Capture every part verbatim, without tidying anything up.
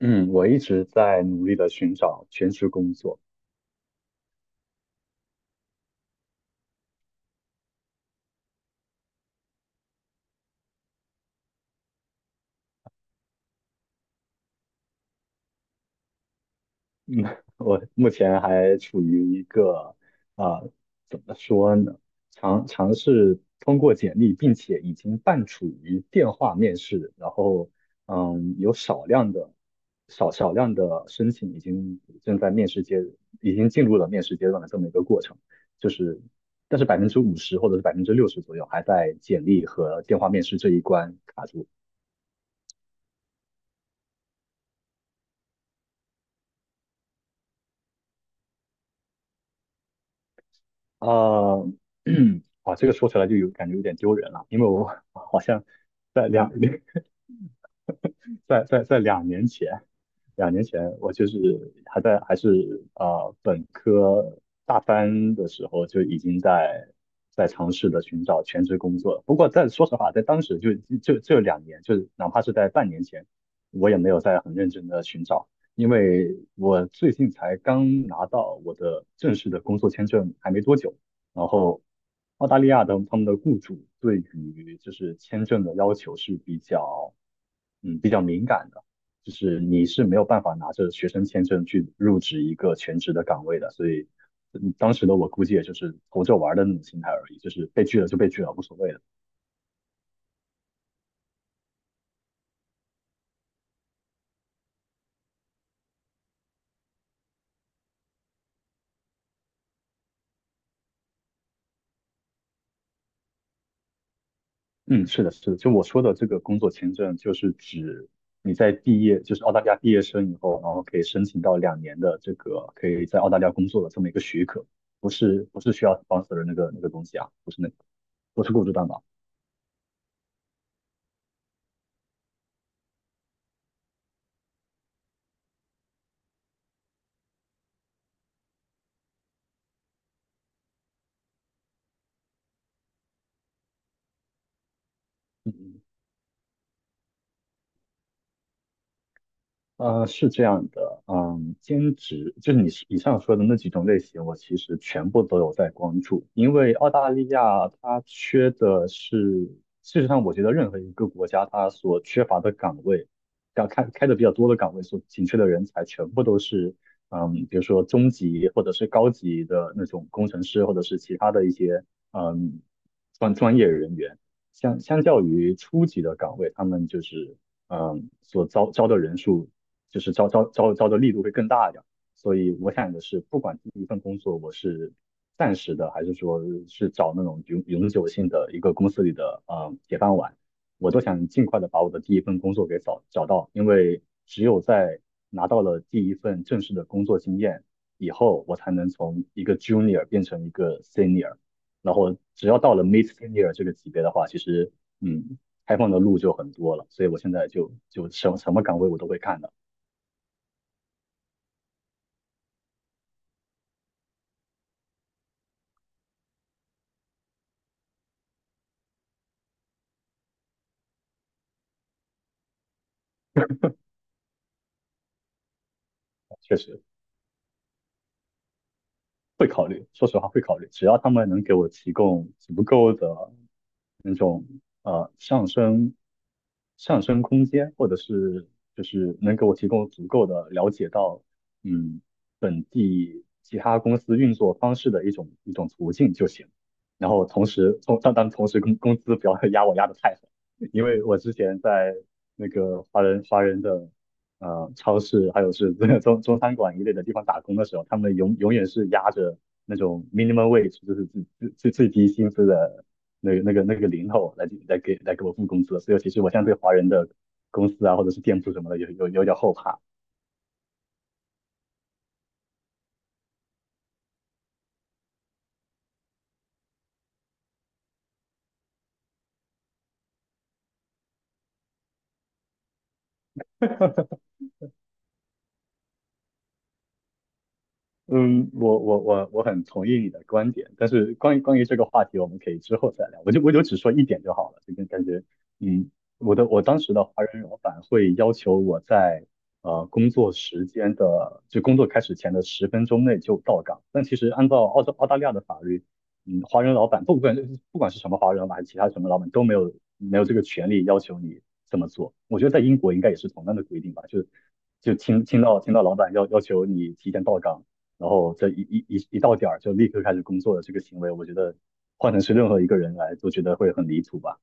嗯，我一直在努力的寻找全职工作。嗯，我目前还处于一个啊、呃怎么说呢？尝尝试通过简历，并且已经半处于电话面试，然后嗯，有少量的少少量的申请已经正在面试阶，已经进入了面试阶段的这么一个过程。就是，但是百分之五十或者是百分之六十左右还在简历和电话面试这一关卡住。呃，啊，这个说起来就有感觉有点丢人了，因为我好像在两 在在在两年前，两年前我就是还在还是呃本科大三的时候就已经在在尝试的寻找全职工作了。不过在说实话，在当时就就这两年，就是哪怕是在半年前，我也没有在很认真的寻找，因为我最近才刚拿到我的正式的工作签证，还没多久。然后澳大利亚的他们的雇主对于就是签证的要求是比较嗯比较敏感的，就是你是没有办法拿着学生签证去入职一个全职的岗位的，所以嗯当时的我估计也就是投着玩儿的那种心态而已，就是被拒了就被拒了，无所谓了。嗯，是的，是的，就我说的这个工作签证，就是指你在毕业，就是澳大利亚毕业生以后，然后可以申请到两年的这个可以在澳大利亚工作的这么一个许可，不是不是需要 sponsor 的那个那个东西啊，不是那个，不是雇主担保。嗯嗯呃，是这样的，嗯，兼职就是你以上说的那几种类型，我其实全部都有在关注，因为澳大利亚它缺的是，事实上我觉得任何一个国家它所缺乏的岗位，要开开的比较多的岗位所紧缺的人才，全部都是，嗯，比如说中级或者是高级的那种工程师，或者是其他的一些，嗯，专专业人员，相相较于初级的岗位，他们就是。嗯，所招招的人数就是招招招招的力度会更大一点。所以我想的是，不管第一份工作我是暂时的，还是说是找那种永永久性的一个公司里的呃铁饭碗，我都想尽快的把我的第一份工作给找找到，因为只有在拿到了第一份正式的工作经验以后，我才能从一个 junior 变成一个 senior，然后只要到了 mid senior 这个级别的话，其实嗯，开放的路就很多了，所以我现在就就什么什么岗位我都会看的。确实会考虑，说实话会考虑，只要他们能给我提供足够的那种呃上升上升空间，或者是就是能给我提供足够的了解到嗯本地其他公司运作方式的一种一种途径就行。然后同时，同但但同时工工资不要 压我压得太狠，因为我之前在那个华人华人的呃超市，还有是这个中中餐馆一类的地方打工的时候，他们永永远是压着那种 minimum wage，就是最最最最低薪资的那个那个那个零头来给来给来给我付工资的，所以其实我现在对华人的公司啊，或者是店铺什么的，有有有点后怕。嗯，我我我我很同意你的观点，但是关于关于这个话题，我们可以之后再聊。我就我就只说一点就好了，这个感觉，嗯，我的我当时的华人老板会要求我在呃工作时间的就工作开始前的十分钟内就到岗，但其实按照澳洲澳大利亚的法律，嗯，华人老板不管不管是什么华人老板还是其他什么老板都没有没有这个权利要求你这么做。我觉得在英国应该也是同样的规定吧，就就听听到听到老板要要求你提前到岗。然后这一一一一到点儿就立刻开始工作的这个行为，我觉得换成是任何一个人来都觉得会很离谱吧。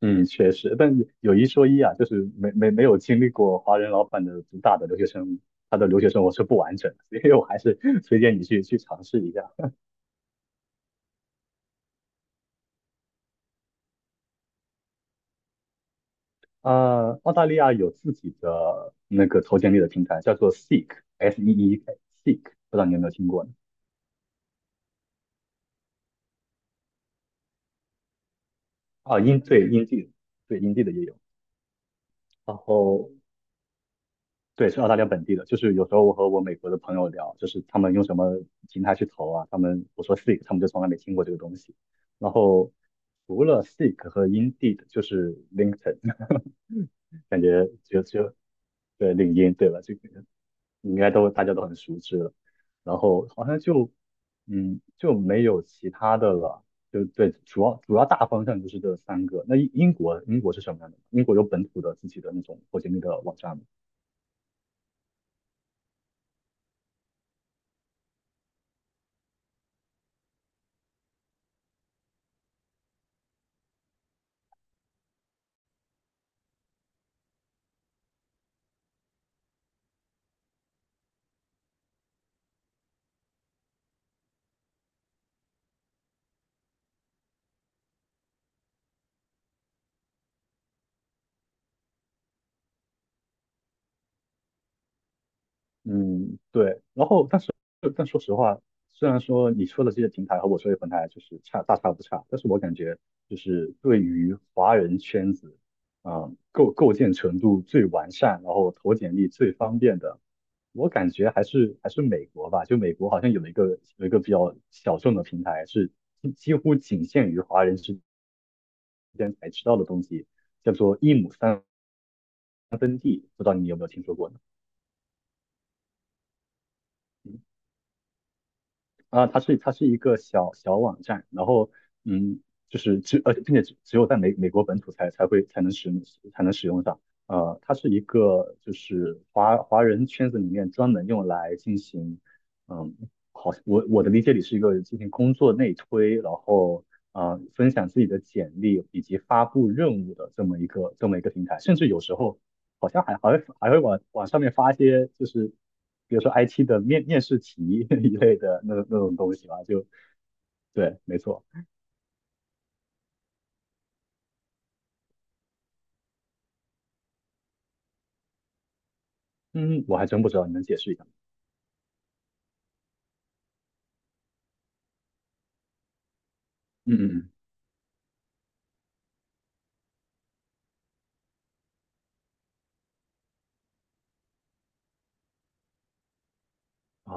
嗯确实，但有一说一啊，就是没没没有经历过华人老板的主打的留学生，他的留学生活是不完整的，所以我还是 推荐你去去尝试一下。呃，澳大利亚有自己的那个投简历的平台，叫做 Seek，S E E K，Seek，不知道你有没有听过呢？啊，英对英地，对英地的也有。然后对，是澳大利亚本地的。就是有时候我和我美国的朋友聊，就是他们用什么平台去投啊，他们我说 Seek，他们就从来没听过这个东西。然后除了 Seek 和 Indeed，就是 LinkedIn，感觉就就对领英对吧？这个应该都大家都很熟知了。然后好像就嗯就没有其他的了。就对，主要主要大方向就是这三个。那英英国英国是什么样的？英国有本土的自己的那种或者那个网站吗？嗯，对。然后，但是，但说实话，虽然说你说的这些平台和我说的平台就是差大差不差，但是我感觉就是对于华人圈子，啊、构构建程度最完善，然后投简历最方便的，我感觉还是还是美国吧。就美国好像有一个有一个比较小众的平台，是几几乎仅限于华人之间才知道的东西，叫做一亩三分，不知道你有没有听说过呢？啊，它是它是一个小小网站，然后嗯，就是只呃，并且只只有在美美国本土才才会才能使用才能使用上。呃，它是一个就是华华人圈子里面专门用来进行，嗯，好像，我我的理解里是一个进行工作内推，然后呃分享自己的简历以及发布任务的这么一个这么一个平台，甚至有时候好像还还会还会往往上面发一些，就是比如说 I T 的面面试题 一类的那那种东西吧，就对，没错。嗯，我还真不知道，你能解释一下吗？嗯嗯嗯。啊，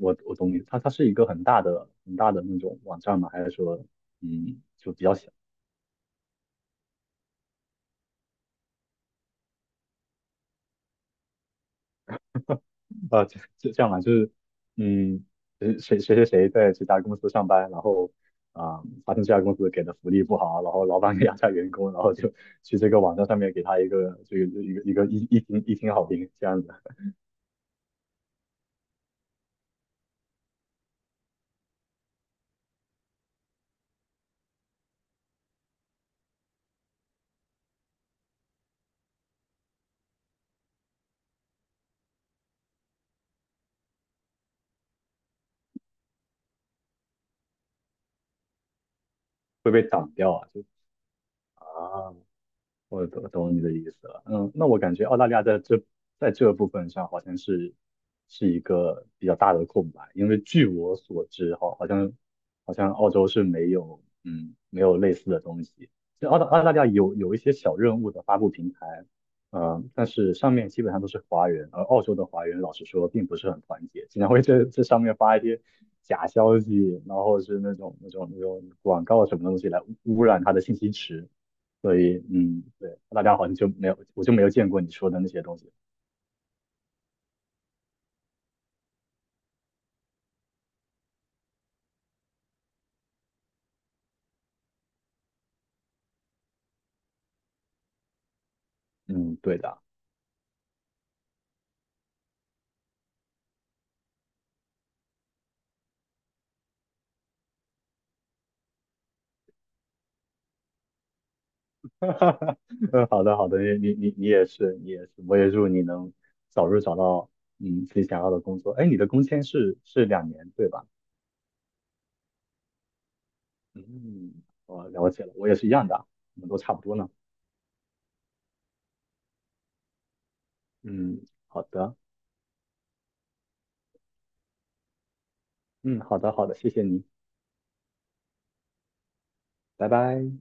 我我懂你，它它是一个很大的很大的那种网站吗？还是说，嗯，就比较小？啊，这这这样吧，就是，嗯，谁谁谁谁谁在这家公司上班，然后啊、发现这家公司给的福利不好，然后老板给压榨员工，然后就去这个网站上面给他一个这个一个一个一一星一星好评，这样子会被挡掉啊，就啊，我懂懂你的意思了。嗯，那我感觉澳大利亚在这在这部分上好像是是一个比较大的空白，因为据我所知，哈，好像好像澳洲是没有嗯没有类似的东西。其实澳大澳大利亚有有一些小任务的发布平台，呃，但是上面基本上都是华人，而澳洲的华人老实说并不是很团结，经常会这这上面发一些假消息，然后是那种那种那种广告什么东西来污染他的信息池。所以嗯，对，大家好像就没有，我就没有见过你说的那些东西。嗯，对的 嗯，好的好的，你你你你也是，你也是，我也祝你能早日找到嗯自己想要的工作。哎，你的工签是是两年对吧？嗯，我了解了，我也是一样的，我们都差不多呢。嗯，好的，嗯，好的好的，谢谢你，拜拜。